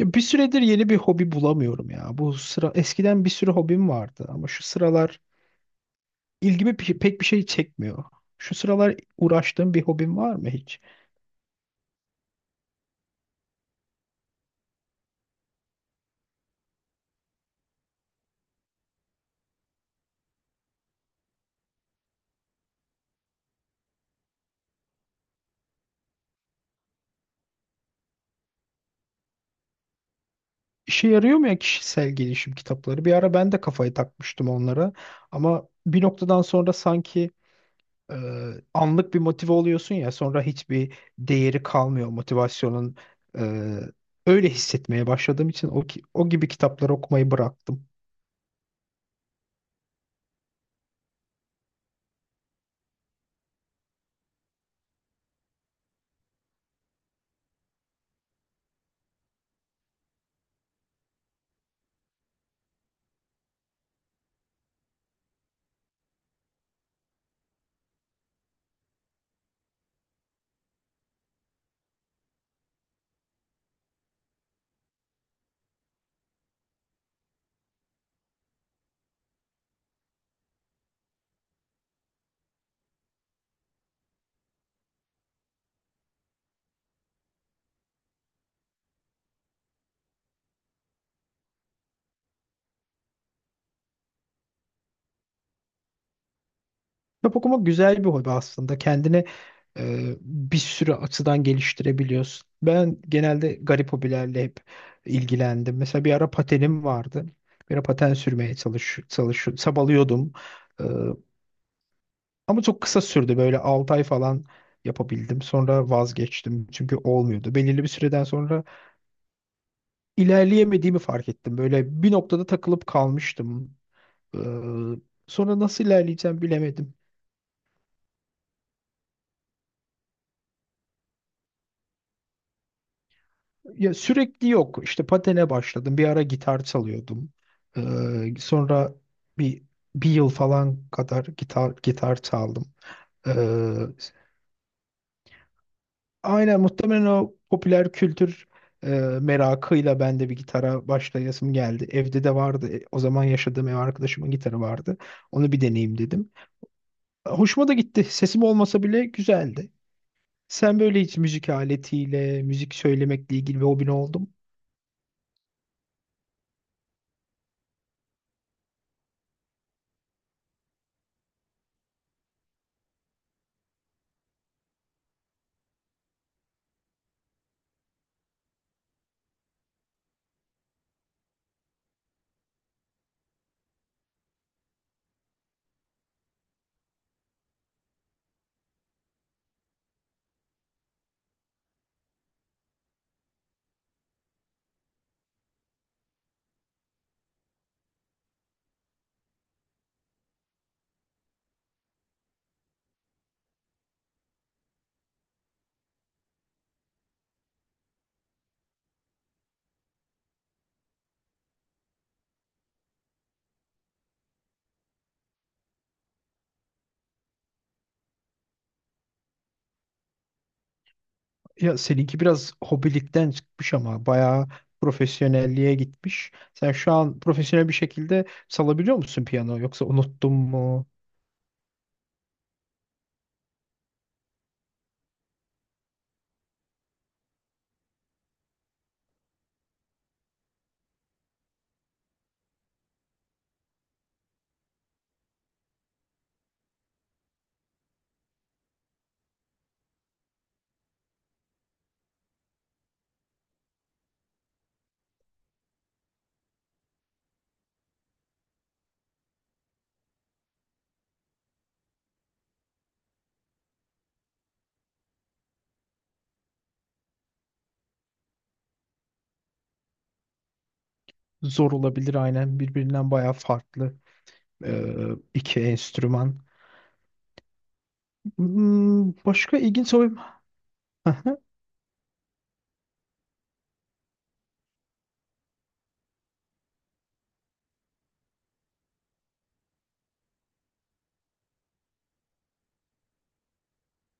Ya bir süredir yeni bir hobi bulamıyorum ya. Bu sıra eskiden bir sürü hobim vardı ama şu sıralar ilgimi pek bir şey çekmiyor. Şu sıralar uğraştığım bir hobim var mı hiç? İşe yarıyor mu ya kişisel gelişim kitapları? Bir ara ben de kafayı takmıştım onlara ama bir noktadan sonra sanki e, anlık bir motive oluyorsun ya sonra hiçbir değeri kalmıyor motivasyonun. E, Öyle hissetmeye başladığım için o gibi kitapları okumayı bıraktım. Kitap okumak güzel bir hobi aslında. Kendini bir sürü açıdan geliştirebiliyorsun. Ben genelde garip hobilerle hep ilgilendim. Mesela bir ara patenim vardı. Bir ara paten sürmeye çalış çabalıyordum. E, ama çok kısa sürdü. Böyle 6 ay falan yapabildim. Sonra vazgeçtim. Çünkü olmuyordu. Belirli bir süreden sonra ilerleyemediğimi fark ettim. Böyle bir noktada takılıp kalmıştım. E, sonra nasıl ilerleyeceğim bilemedim. Ya sürekli yok. İşte patene başladım. Bir ara gitar çalıyordum. Ee, sonra bir bir yıl falan kadar gitar çaldım. Ee, aynen muhtemelen o popüler kültür e, merakıyla ben de bir gitara başlayasım geldi. Evde de vardı. O zaman yaşadığım ev arkadaşımın gitarı vardı. Onu bir deneyeyim dedim. Hoşuma da gitti. Sesim olmasa bile güzeldi. Sen böyle hiç müzik aletiyle, müzik söylemekle ilgili bir hobin oldu mu? Ya seninki biraz hobilikten çıkmış ama bayağı profesyonelliğe gitmiş. Sen şu an profesyonel bir şekilde salabiliyor musun piyano yoksa unuttun mu? Zor olabilir aynen birbirinden bayağı farklı e, iki enstrüman. Hmm, başka ilginç olayım.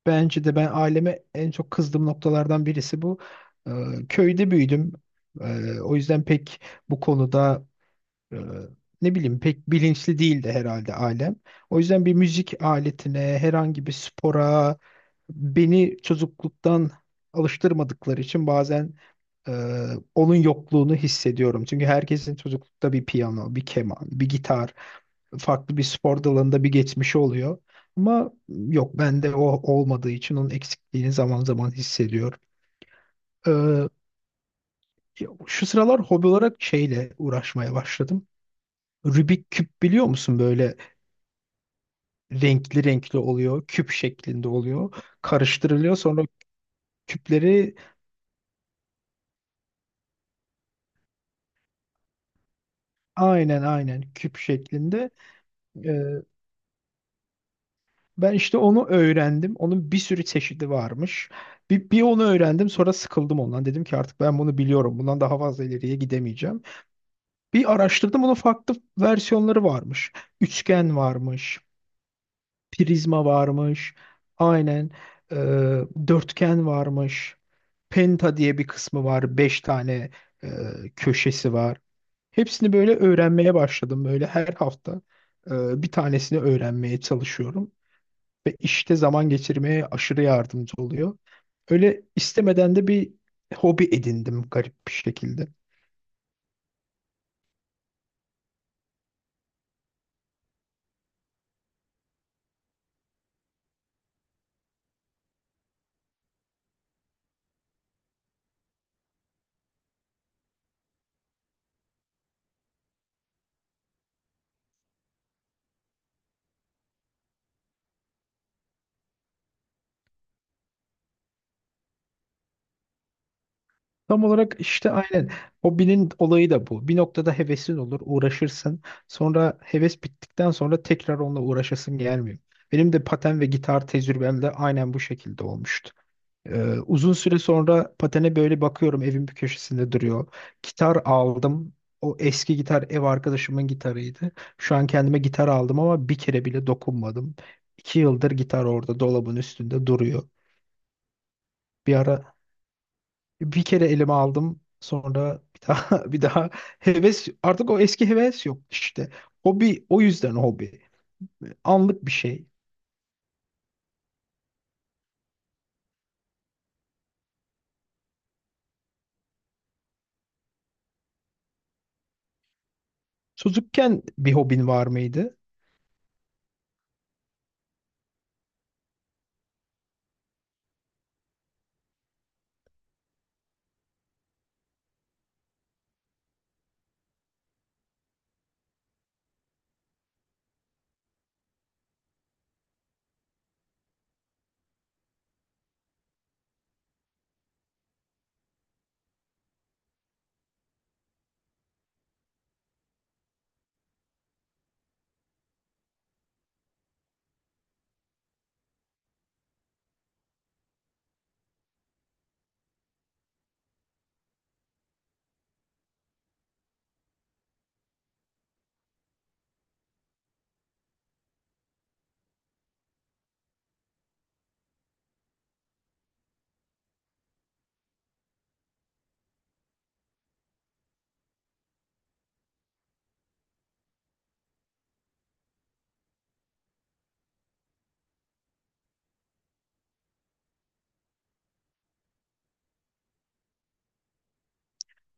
Bence de ben aileme en çok kızdığım noktalardan birisi bu. E, köyde büyüdüm. O yüzden pek bu konuda e, ne bileyim pek bilinçli değildi herhalde ailem. O yüzden bir müzik aletine, herhangi bir spora beni çocukluktan alıştırmadıkları için bazen e, onun yokluğunu hissediyorum. Çünkü herkesin çocuklukta bir piyano, bir keman, bir gitar, farklı bir spor dalında bir geçmişi oluyor. Ama yok bende o olmadığı için onun eksikliğini zaman zaman hissediyorum. E, şu sıralar hobi olarak şeyle uğraşmaya başladım. Rubik küp biliyor musun? Böyle renkli renkli oluyor, küp şeklinde oluyor. Karıştırılıyor sonra küpleri aynen aynen küp şeklinde. Ee, ben işte onu öğrendim. Onun bir sürü çeşidi varmış. Bir onu öğrendim sonra sıkıldım ondan. Dedim ki artık ben bunu biliyorum. Bundan daha fazla ileriye gidemeyeceğim. Bir araştırdım onun farklı versiyonları varmış. Üçgen varmış. Prizma varmış. Aynen. Ee, dörtgen varmış. Penta diye bir kısmı var. Beş tane e, köşesi var. Hepsini böyle öğrenmeye başladım. Böyle her hafta bir tanesini öğrenmeye çalışıyorum. Ve işte zaman geçirmeye aşırı yardımcı oluyor. Öyle istemeden de bir hobi edindim garip bir şekilde. Tam olarak işte aynen hobinin olayı da bu. Bir noktada hevesin olur, uğraşırsın. Sonra heves bittikten sonra tekrar onunla uğraşasın gelmiyor. Benim de paten ve gitar tecrübem de aynen bu şekilde olmuştu. Uzun süre sonra patene böyle bakıyorum evin bir köşesinde duruyor. Gitar aldım. O eski gitar ev arkadaşımın gitarıydı. Şu an kendime gitar aldım ama bir kere bile dokunmadım. 2 yıldır gitar orada dolabın üstünde duruyor. Bir ara bir kere elime aldım. Sonra bir daha bir daha heves artık o eski heves yok işte. Hobi o yüzden hobi. Anlık bir şey. Çocukken bir hobin var mıydı?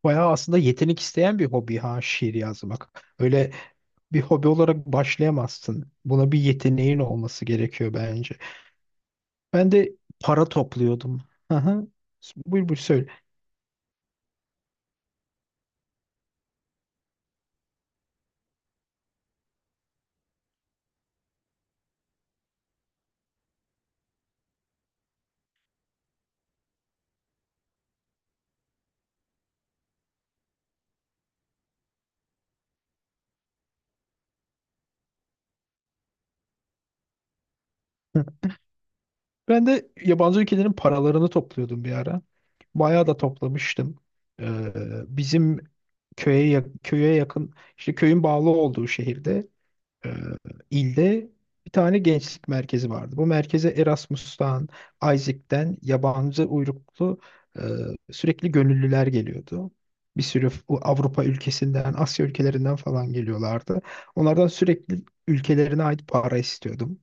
Bayağı aslında yetenek isteyen bir hobi ha şiir yazmak. Öyle bir hobi olarak başlayamazsın. Buna bir yeteneğin olması gerekiyor bence. Ben de para topluyordum. Aha. Buyur buyur söyle. Ben de yabancı ülkelerin paralarını topluyordum bir ara. Bayağı da toplamıştım. Ee, bizim köye yakın işte köyün bağlı olduğu şehirde e, ilde bir tane gençlik merkezi vardı. Bu merkeze Erasmus'tan, Isaac'ten yabancı uyruklu e, sürekli gönüllüler geliyordu. Bir sürü Avrupa ülkesinden, Asya ülkelerinden falan geliyorlardı. Onlardan sürekli ülkelerine ait para istiyordum.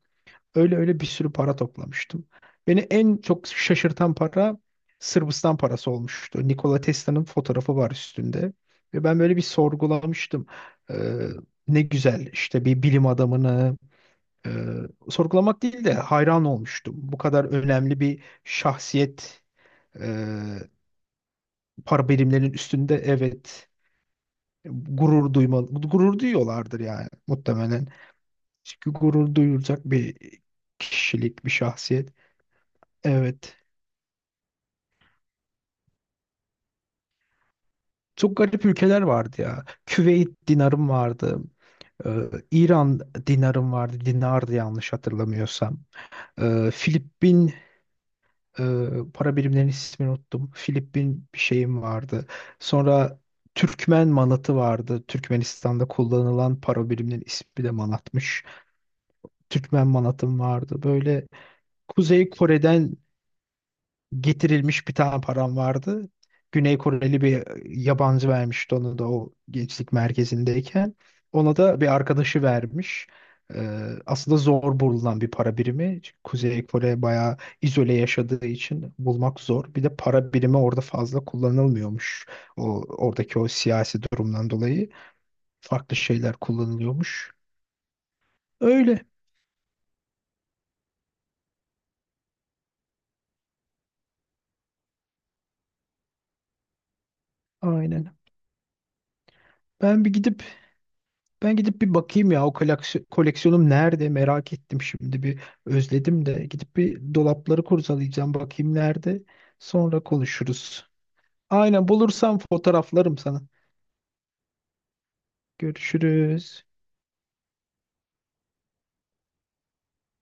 Öyle öyle bir sürü para toplamıştım. Beni en çok şaşırtan para Sırbistan parası olmuştu. Nikola Tesla'nın fotoğrafı var üstünde. Ve ben böyle bir sorgulamıştım. Ee, ne güzel işte bir bilim adamını e, sorgulamak değil de hayran olmuştum. Bu kadar önemli bir şahsiyet e, para birimlerinin üstünde, evet, gurur duymalı. Gurur duyuyorlardır yani muhtemelen. Çünkü gurur duyulacak bir kişilik, bir şahsiyet. Evet. Çok garip ülkeler vardı ya. Küveyt dinarım vardı. Ee, İran dinarım vardı. Dinardı yanlış hatırlamıyorsam. Filipin e, para birimlerinin ismini unuttum. Filipin bir şeyim vardı. Sonra Türkmen manatı vardı. Türkmenistan'da kullanılan para biriminin ismi de manatmış. Türkmen manatım vardı. Böyle Kuzey Kore'den getirilmiş bir tane param vardı. Güney Koreli bir yabancı vermişti onu da o gençlik merkezindeyken. Ona da bir arkadaşı vermiş. Ee, aslında zor bulunan bir para birimi. Çünkü Kuzey Kore bayağı izole yaşadığı için bulmak zor. Bir de para birimi orada fazla kullanılmıyormuş. O oradaki o siyasi durumdan dolayı farklı şeyler kullanılıyormuş. Öyle. Aynen. Ben bir gidip Ben gidip bir bakayım ya o koleksiyonum nerede, merak ettim şimdi, bir özledim de gidip bir dolapları kurcalayacağım, bakayım nerede, sonra konuşuruz. Aynen, bulursam fotoğraflarım sana. Görüşürüz.